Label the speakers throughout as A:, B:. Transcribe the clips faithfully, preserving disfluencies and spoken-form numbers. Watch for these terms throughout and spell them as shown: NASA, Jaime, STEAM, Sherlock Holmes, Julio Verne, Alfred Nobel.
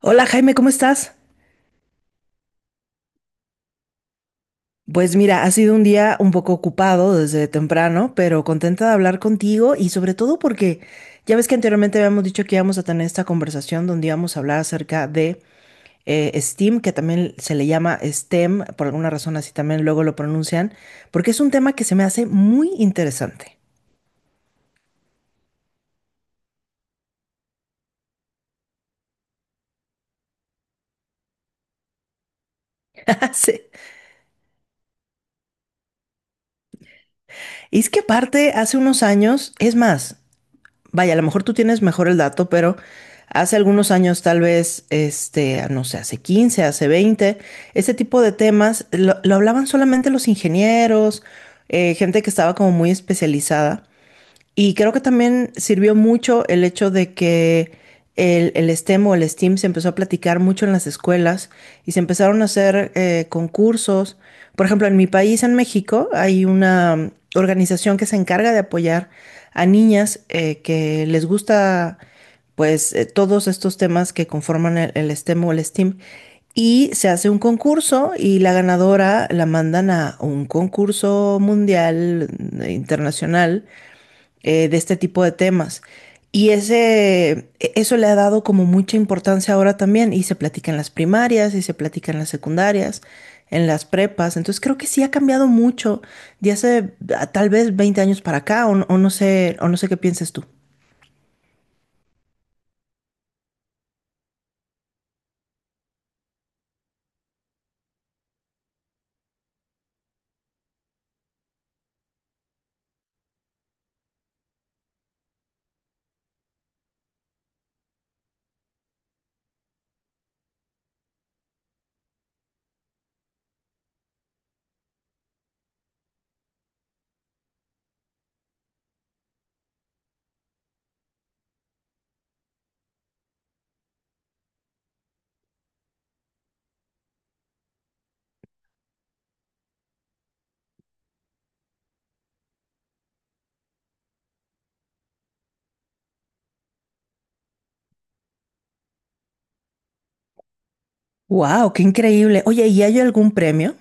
A: Hola Jaime, ¿cómo estás? Pues mira, ha sido un día un poco ocupado desde temprano, pero contenta de hablar contigo y sobre todo porque ya ves que anteriormente habíamos dicho que íbamos a tener esta conversación donde íbamos a hablar acerca de eh, STEAM, que también se le llama STEM, por alguna razón así también luego lo pronuncian, porque es un tema que se me hace muy interesante. Sí. Y es que aparte, hace unos años, es más, vaya, a lo mejor tú tienes mejor el dato, pero hace algunos años, tal vez, este, ah, no sé, hace quince, hace veinte, ese tipo de temas lo, lo hablaban solamente los ingenieros, eh, gente que estaba como muy especializada. Y creo que también sirvió mucho el hecho de que el, el STEM o el STEAM se empezó a platicar mucho en las escuelas y se empezaron a hacer eh, concursos. Por ejemplo, en mi país, en México, hay una organización que se encarga de apoyar a niñas eh, que les gusta pues eh, todos estos temas que conforman el, el STEM o el STEAM. Y se hace un concurso y la ganadora la mandan a un concurso mundial, eh, internacional, eh, de este tipo de temas. Y ese, e- eso le ha dado como mucha importancia ahora también y se platica en las primarias y se platica en las secundarias, en las prepas. Entonces creo que sí ha cambiado mucho de hace ah, tal vez veinte años para acá o, no o no sé, o no sé qué pienses tú. ¡Wow! ¡Qué increíble! Oye, ¿y hay algún premio?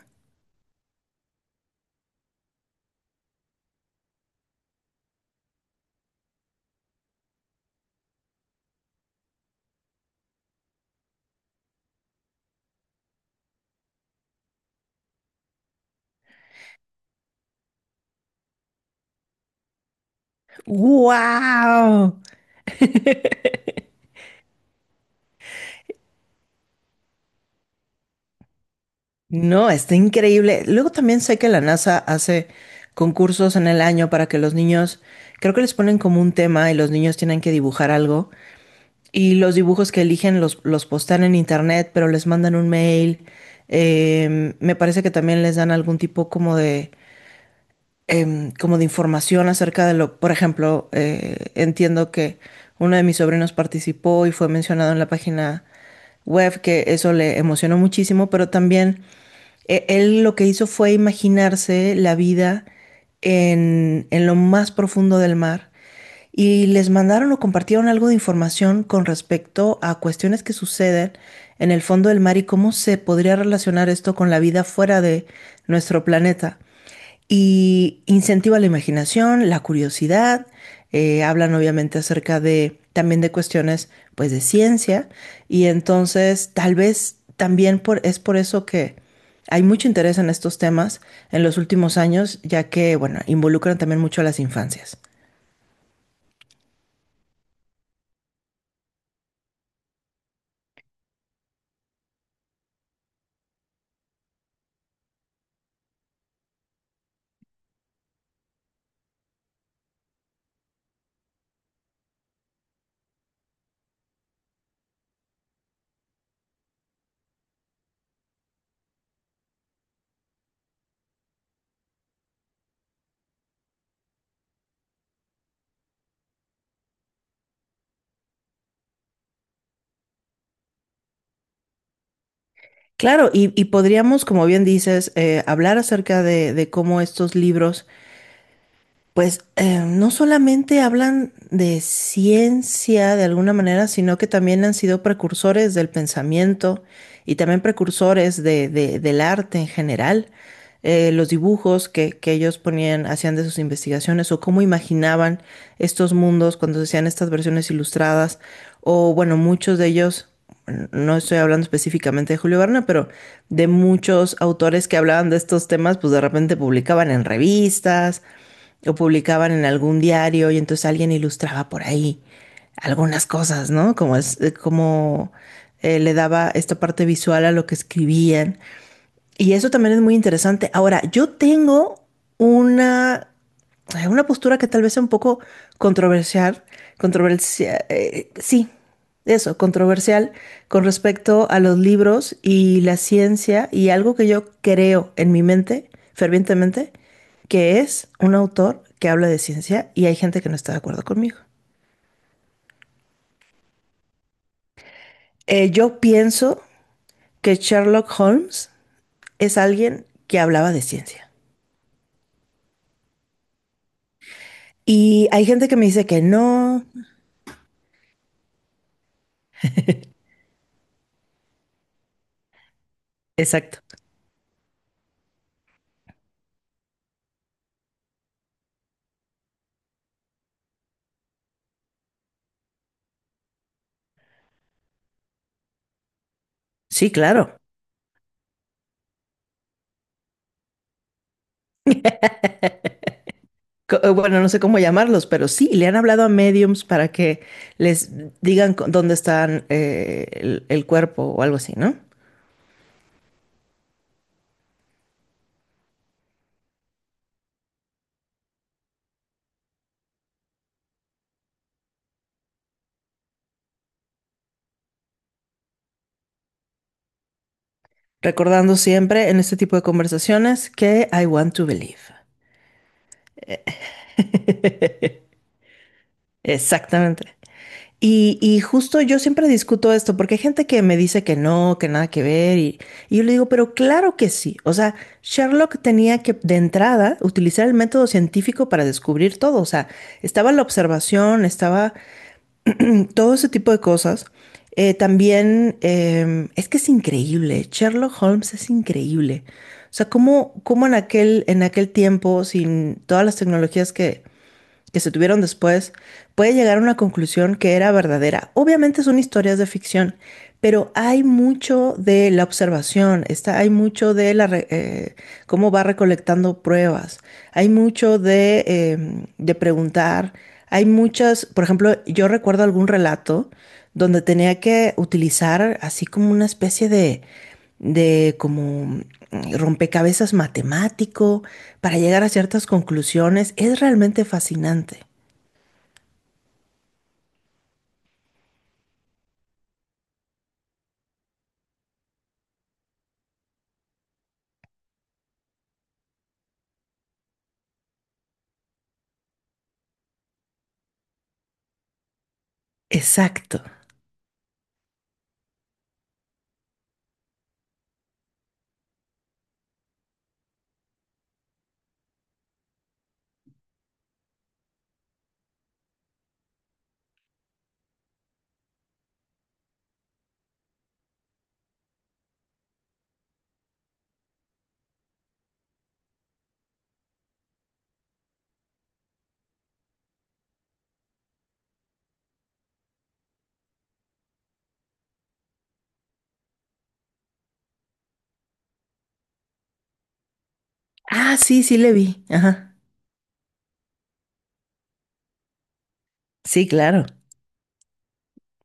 A: ¡Wow! No, está increíble. Luego también sé que la NASA hace concursos en el año para que los niños, creo que les ponen como un tema y los niños tienen que dibujar algo. Y los dibujos que eligen los, los postean en internet, pero les mandan un mail. Eh, me parece que también les dan algún tipo como de em, como de información acerca de lo, por ejemplo, eh, entiendo que uno de mis sobrinos participó y fue mencionado en la página web, que eso le emocionó muchísimo, pero también eh, él lo que hizo fue imaginarse la vida en, en lo más profundo del mar y les mandaron o compartieron algo de información con respecto a cuestiones que suceden en el fondo del mar y cómo se podría relacionar esto con la vida fuera de nuestro planeta. Y incentiva la imaginación, la curiosidad, eh, hablan obviamente acerca de también de cuestiones pues de ciencia y entonces tal vez también por, es por eso que hay mucho interés en estos temas en los últimos años, ya que, bueno, involucran también mucho a las infancias. Claro, y, y podríamos, como bien dices, eh, hablar acerca de, de cómo estos libros pues eh, no solamente hablan de ciencia de alguna manera, sino que también han sido precursores del pensamiento y también precursores de- de- del arte en general. Eh, los dibujos que, que ellos ponían, hacían de sus investigaciones o cómo imaginaban estos mundos cuando se hacían estas versiones ilustradas. O bueno, muchos de ellos, no estoy hablando específicamente de Julio Verne, pero de muchos autores que hablaban de estos temas, pues de repente publicaban en revistas o publicaban en algún diario y entonces alguien ilustraba por ahí algunas cosas, ¿no? Como es, eh, como eh, le daba esta parte visual a lo que escribían. Y eso también es muy interesante. Ahora, yo tengo una es una postura que tal vez es un poco controversial, controversia, eh, sí, eso, controversial con respecto a los libros y la ciencia y algo que yo creo en mi mente fervientemente, que es un autor que habla de ciencia y hay gente que no está de acuerdo conmigo. Eh, yo pienso que Sherlock Holmes es alguien que hablaba de ciencia. Y hay gente que me dice que no. Exacto. Sí, claro. Co- eh, bueno, no sé cómo llamarlos, pero sí, le han hablado a mediums para que les digan co- dónde están eh, el, el cuerpo o algo así, ¿no? Recordando siempre en este tipo de conversaciones que I want to believe. Exactamente. Y, y justo yo siempre discuto esto, porque hay gente que me dice que no, que nada que ver, y, y yo le digo, pero claro que sí. O sea, Sherlock tenía que de entrada utilizar el método científico para descubrir todo. O sea, estaba la observación, estaba todo ese tipo de cosas. Eh, también em, es que es increíble, Sherlock Holmes es increíble. O sea, cómo, cómo en aquel, en aquel tiempo, sin todas las tecnologías que, que se tuvieron después, puede llegar a una conclusión que era verdadera. Obviamente son historias de ficción, pero hay mucho de la observación, está, hay mucho de la eh, cómo va recolectando pruebas, hay mucho de, eh, de preguntar, hay muchas, por ejemplo, yo recuerdo algún relato donde tenía que utilizar así como una especie de de como mm, rompecabezas matemático para llegar a ciertas conclusiones. Es realmente fascinante. Exacto. Ah, sí, sí le vi. Ajá. Sí, claro.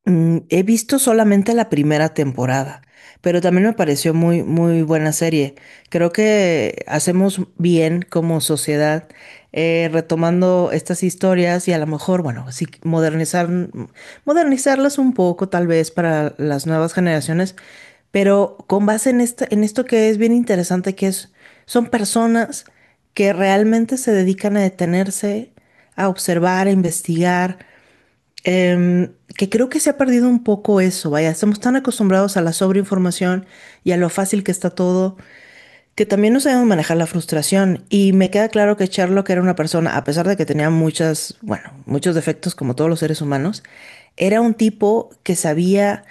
A: Mm, he visto solamente la primera temporada, pero también me pareció muy, muy buena serie. Creo que hacemos bien como sociedad eh, retomando estas historias y a lo mejor, bueno, sí, modernizar, mm, modernizarlas un poco tal vez para las nuevas generaciones. Pero con base en esta- en esto que es bien interesante, que es, son personas que realmente se dedican a detenerse, a observar, a investigar, em, que creo que se ha perdido un poco eso, vaya, estamos tan acostumbrados a la sobreinformación y a lo fácil que está todo, que también no sabemos manejar la frustración. Y me queda claro que Sherlock era una persona, a pesar de que tenía muchas, bueno, muchos defectos como todos los seres humanos, era un tipo que sabía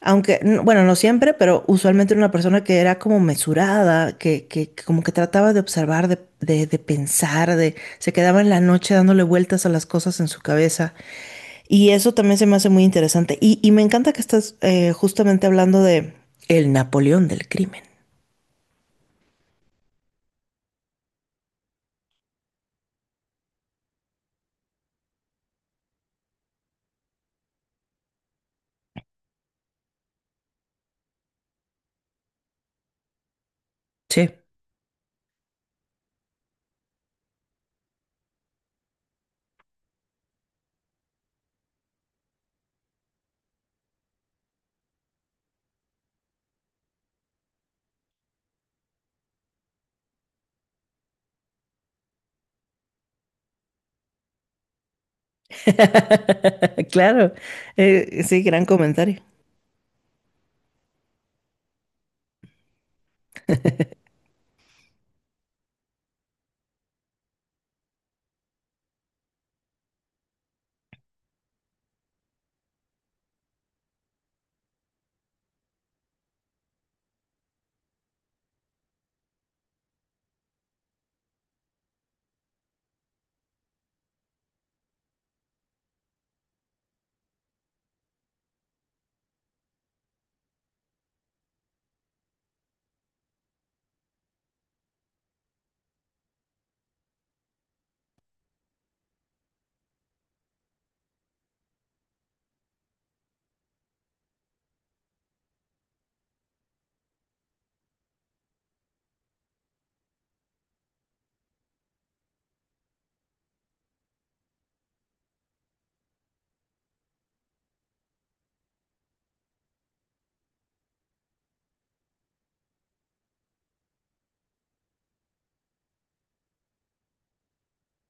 A: aunque, n- bueno, no siempre, pero usualmente era una persona que era como mesurada, que, que, que como que trataba de observar, de, de, de pensar, de, se quedaba en la noche dándole vueltas a las cosas en su cabeza. Y eso también se me hace muy interesante. Y, y me encanta que estás eh, justamente hablando de el Napoleón del crimen. Sí. Claro. Eh, sí, gran comentario.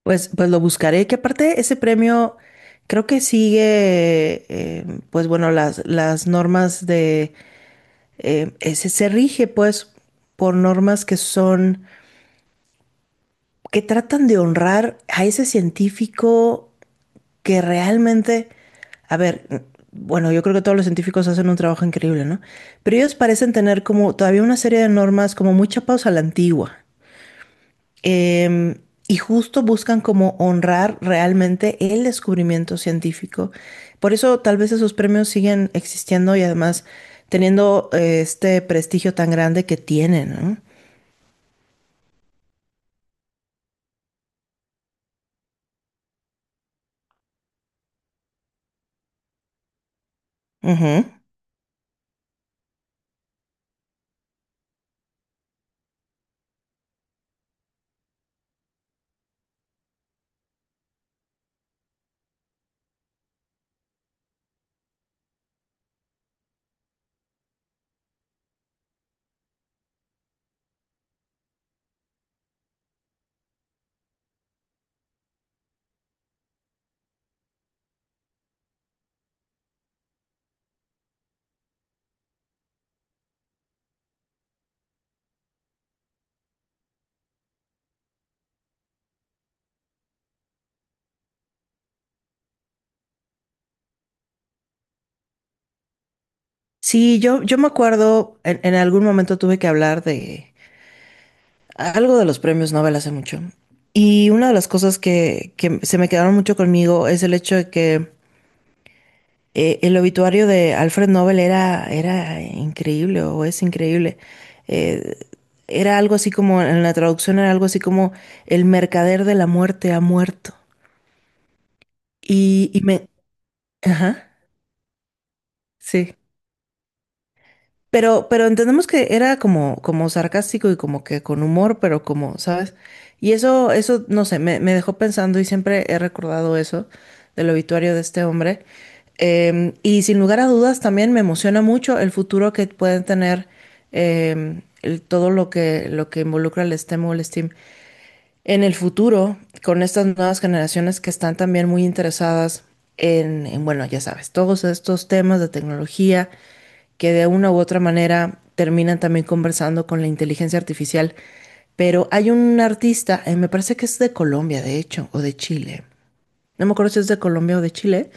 A: Pues, pues lo buscaré, que aparte ese premio creo que sigue, eh, pues bueno, las, las normas de, eh, ese, se rige pues por normas que son, que tratan de honrar a ese científico que realmente, a ver, mm, bueno, yo creo que todos los científicos hacen un trabajo increíble, ¿no? Pero ellos parecen tener como todavía una serie de normas como muy chapados a la antigua. Em, y justo buscan como honrar realmente el descubrimiento científico. Por eso tal vez esos premios siguen existiendo y además teniendo eh, este prestigio tan grande que tienen, ¿no? Ujú. Sí, yo, yo me acuerdo, en, en algún momento tuve que hablar de algo de los premios Nobel hace mucho. Y una de las cosas que, que se me quedaron mucho conmigo es el hecho de que eh, el obituario de Alfred Nobel era, era increíble o es increíble. Eh, Era algo así como, en la traducción era algo así como el mercader de la muerte ha muerto. Y, y me. Ajá, sí. Pero, pero entendemos que era como, como sarcástico y como que con humor, pero como, ¿sabes? Y eso, eso, no sé, me, me dejó pensando y siempre he recordado eso del obituario de este hombre. Em, y sin lugar a dudas también me emociona mucho el futuro que pueden tener em, el- todo lo que, lo que involucra el STEM o el STEAM. En el futuro, con estas nuevas generaciones que están también muy interesadas en, en, bueno, ya sabes, todos estos temas de tecnología que de una u otra manera terminan también conversando con la inteligencia artificial. Pero hay un artista, eh, me parece que es de Colombia, de hecho, o de Chile. No me acuerdo si es de Colombia o de Chile,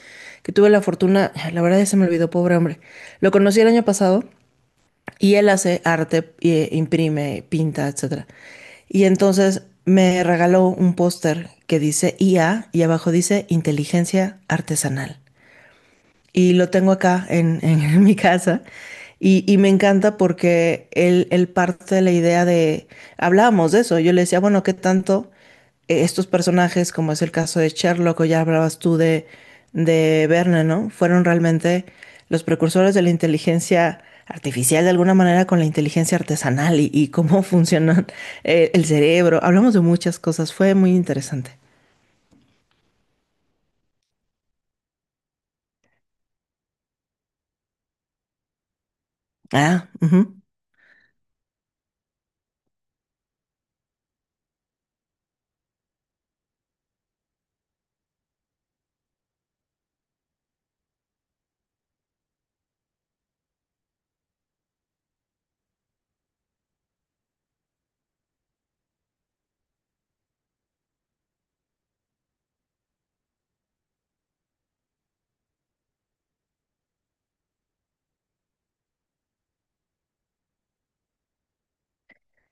A: que tuve la fortuna, la verdad ya se me olvidó, pobre hombre. Lo conocí el año pasado y él hace arte, eh, imprime, pinta, etcétera. Y entonces me regaló un póster que dice I A y abajo dice inteligencia artesanal y lo tengo acá en, en- en mi casa. Y, y me encanta porque él, él parte de la idea de, hablábamos de eso, yo le decía, bueno, ¿qué tanto eh, estos personajes, como es el caso de Sherlock o ya hablabas tú de, de Verne, ¿no? Fueron realmente los precursores de la inteligencia artificial de alguna manera con la inteligencia artesanal y, y cómo funciona eh, el cerebro. Hablamos de muchas cosas, fue muy interesante. Ah, ujú.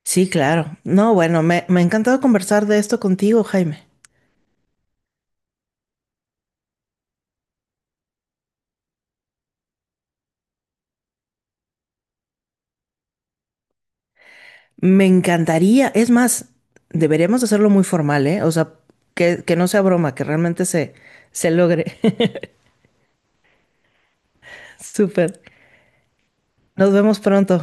A: Sí, claro. No, bueno, me, me ha encantado conversar de esto contigo, Jaime. Me encantaría, es más, deberíamos hacerlo muy formal, ¿eh? O sea, que, que no sea broma, que realmente se, se logre. Súper. Nos vemos pronto.